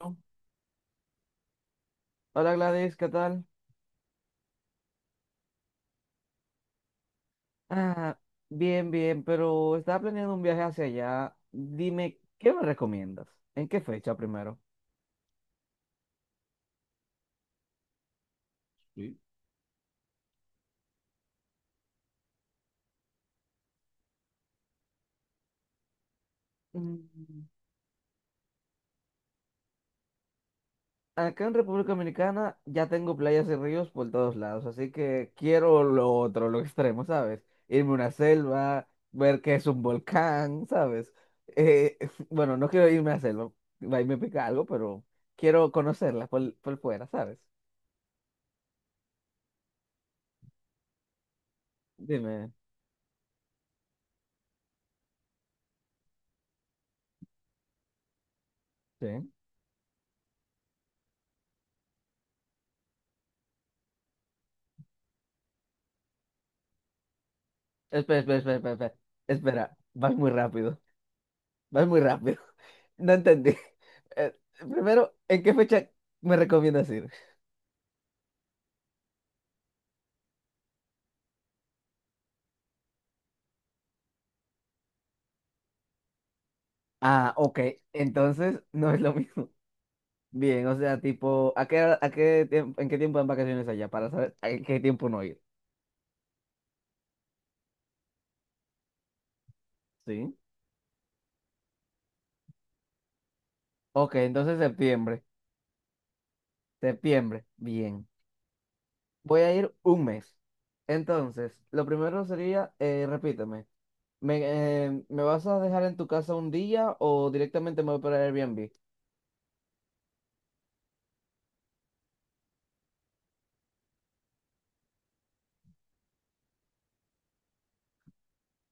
Hola Gladys, ¿qué tal? Ah, bien, bien, pero estaba planeando un viaje hacia allá. Dime, ¿qué me recomiendas? ¿En qué fecha primero? Sí. Mm, Acá en República Dominicana ya tengo playas y ríos por todos lados, así que quiero lo otro, lo extremo, ¿sabes? Irme a una selva, ver qué es un volcán, ¿sabes? Eh, bueno, no quiero irme a la selva, ahí me pica algo, pero quiero conocerla por fuera, ¿sabes? Dime, sí. Espera, espera, espera, espera, espera. Espera, vas muy rápido. Vas muy rápido. No entendí. Eh, Primero, ¿en qué fecha me recomiendas ir? Ah, ok. Entonces, no es lo mismo. Bien, o sea, tipo, en qué tiempo dan vacaciones allá? Para saber a qué tiempo no ir. ¿Sí? Ok, entonces septiembre. Septiembre. Bien. Voy a ir un mes. Entonces, lo primero sería, repíteme, ¿me, ¿me vas a dejar en tu casa un día o directamente me voy para Airbnb?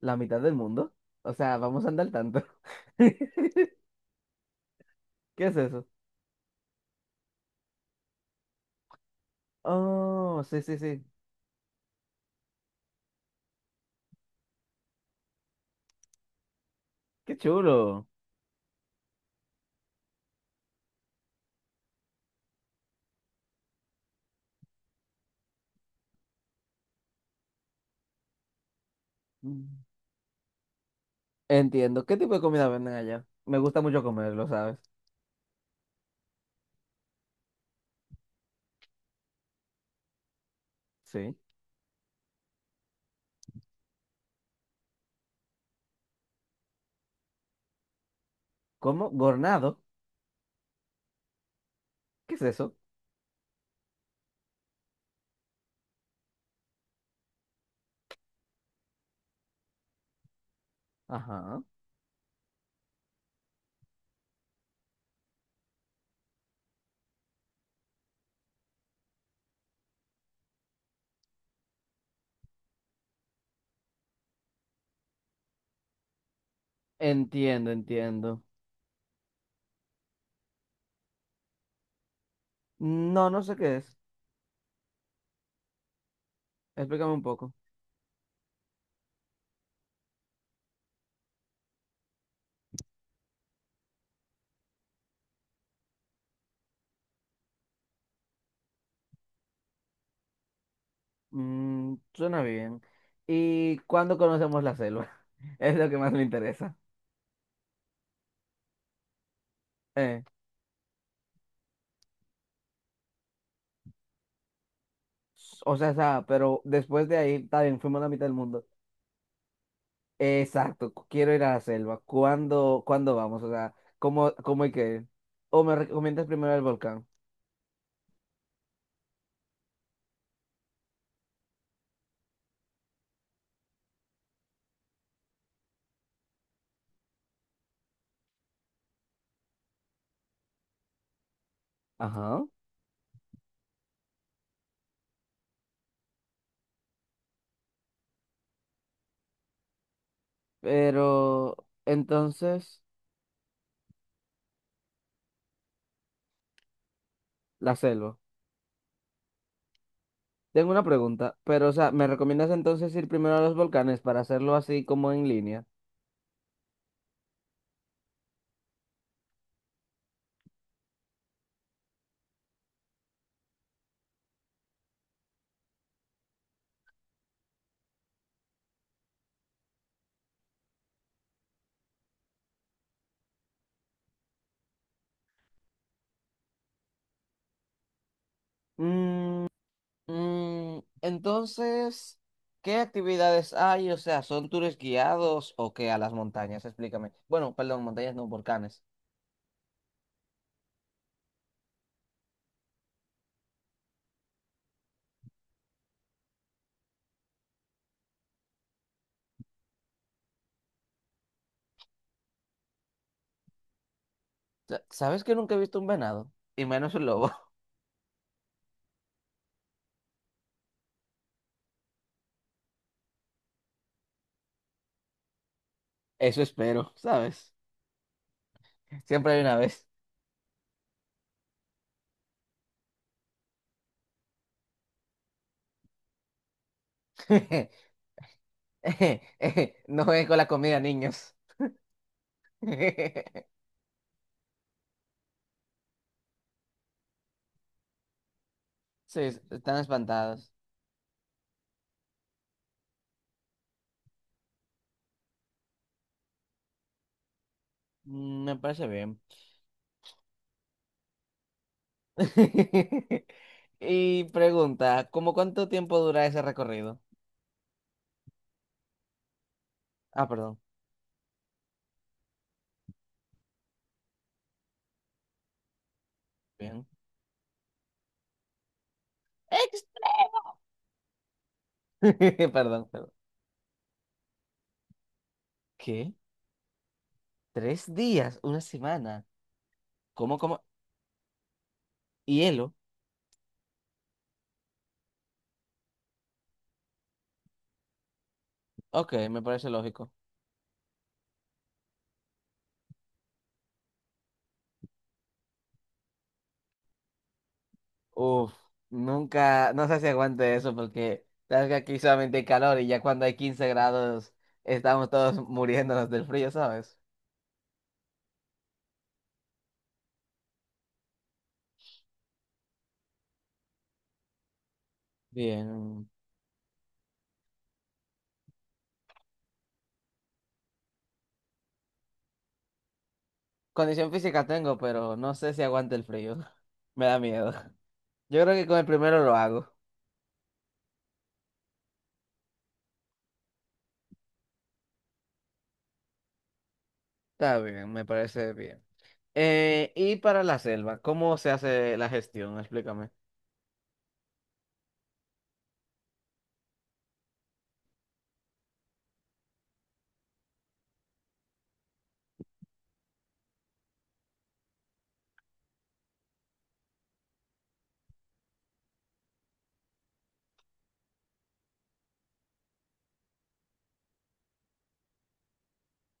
¿La mitad del mundo? O sea, vamos a andar al tanto. ¿Qué es eso? Oh, sí, sí, sí. Qué chulo. Mm. Entiendo. ¿Qué tipo de comida venden allá? Me gusta mucho comerlo, ¿sabes? Sí. ¿Cómo? ¿Gornado? ¿Qué es eso? Ajá. Entiendo, entiendo. No, no sé qué es. Explícame un poco. Suena bien. ¿Y cuándo conocemos la selva? Es lo que más me interesa. Eh, o sea, pero después de ahí, está bien, fuimos a la mitad del mundo. Exacto, quiero ir a la selva. ¿Cuándo vamos? O sea, ¿cómo hay que ir? O me recomiendas primero el volcán. Ajá. Pero entonces, la selva. Tengo una pregunta, pero o sea, ¿me recomiendas entonces ir primero a los volcanes para hacerlo así como en línea? Mm, entonces, ¿qué actividades hay? O sea, ¿son tours guiados o qué a las montañas? Explícame. Bueno, perdón, montañas no, volcanes. ¿Sabes que nunca he visto un venado? Y menos un lobo. Eso espero, ¿sabes? Siempre hay una vez. No jueguen con la comida, niños. Sí, están espantados. Me parece bien. Y pregunta, ¿cómo cuánto tiempo dura ese recorrido? Ah, perdón. Bien. Extra. Perdón, perdón. ¿Qué? ¿3 días? ¿Una semana? ¿Cómo? ¿Hielo? Ok, me parece lógico. Uf, nunca, no sé si aguante eso porque sabes que aquí solamente hay calor y ya cuando hay 15 grados estamos todos muriéndonos del frío, ¿sabes? Bien. Condición física tengo, pero no sé si aguante el frío. Me da miedo. Yo creo que con el primero lo hago. Está bien, me parece bien. Y para la selva, ¿cómo se hace la gestión? Explícame.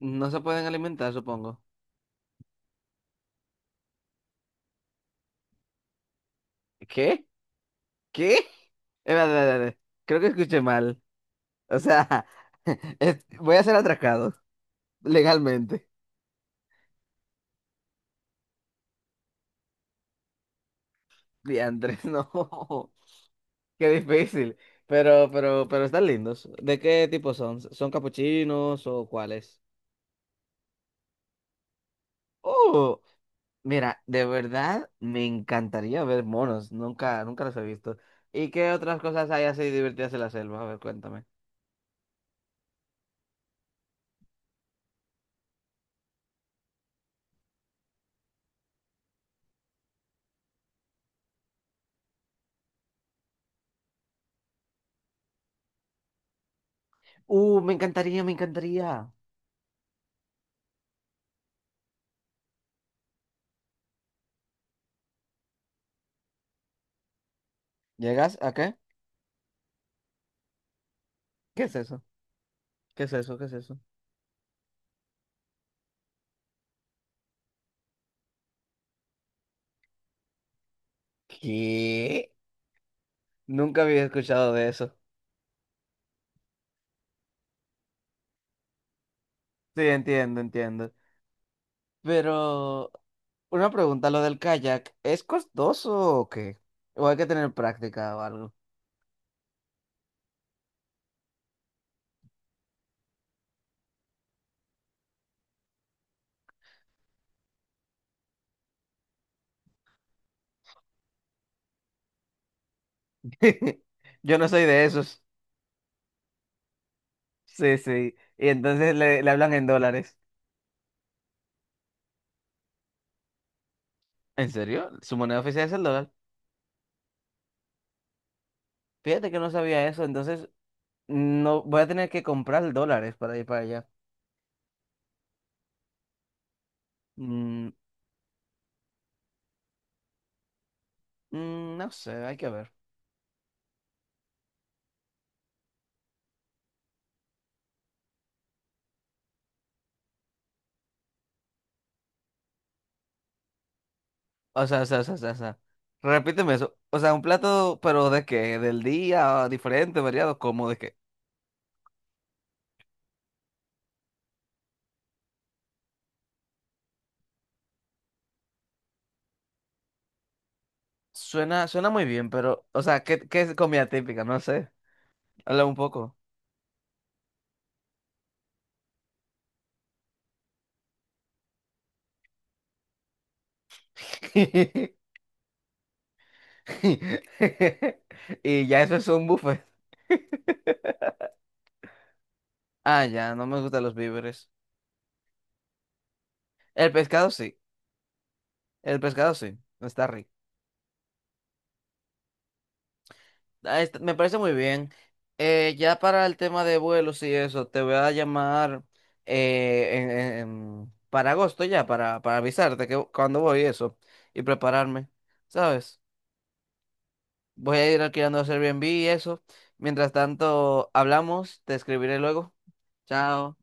No se pueden alimentar, supongo. ¿Qué? ¿Qué? Espérate, espérate, espérate. Creo que escuché mal. O sea, voy a ser atracado legalmente. Diantres, no. Qué difícil. Pero están lindos. ¿De qué tipo son? ¿Son capuchinos o cuáles? Oh, mira, de verdad me encantaría ver monos. Nunca, nunca los he visto. ¿Y qué otras cosas hay así divertidas en la selva? A ver, cuéntame. Me encantaría, me encantaría. ¿Llegas a qué? ¿Qué es eso? ¿Qué es eso? ¿Qué es eso? ¿Qué? Nunca había escuchado de eso. Sí, entiendo, entiendo. Pero una pregunta, lo del kayak, ¿es costoso o qué? ¿O hay que tener práctica o algo? Yo no soy de esos. Sí, sí. Y entonces le hablan en dólares. ¿En serio? ¿Su moneda oficial es el dólar? Fíjate que no sabía eso, entonces no voy a tener que comprar dólares para ir para allá. Mm, no sé, hay que ver. O sea, o sea, o sea, o sea, o sea. Repíteme eso. O sea, un plato, pero ¿de qué? ¿Del día? ¿Diferente? ¿Variado? ¿Cómo de qué? Suena muy bien, pero, o sea, ¿qué es comida típica? No sé. Habla un poco. Y ya eso es un buffet. Ah, ya, no me gustan los víveres. El pescado sí, el pescado sí, está rico. Ah, me parece muy bien. Ya para el tema de vuelos y eso, te voy a llamar eh, en- en- para agosto ya, para avisarte que cuando voy y eso, y prepararme, ¿sabes? Voy a ir alquilando Airbnb y eso. Mientras tanto, hablamos, te escribiré luego. Chao.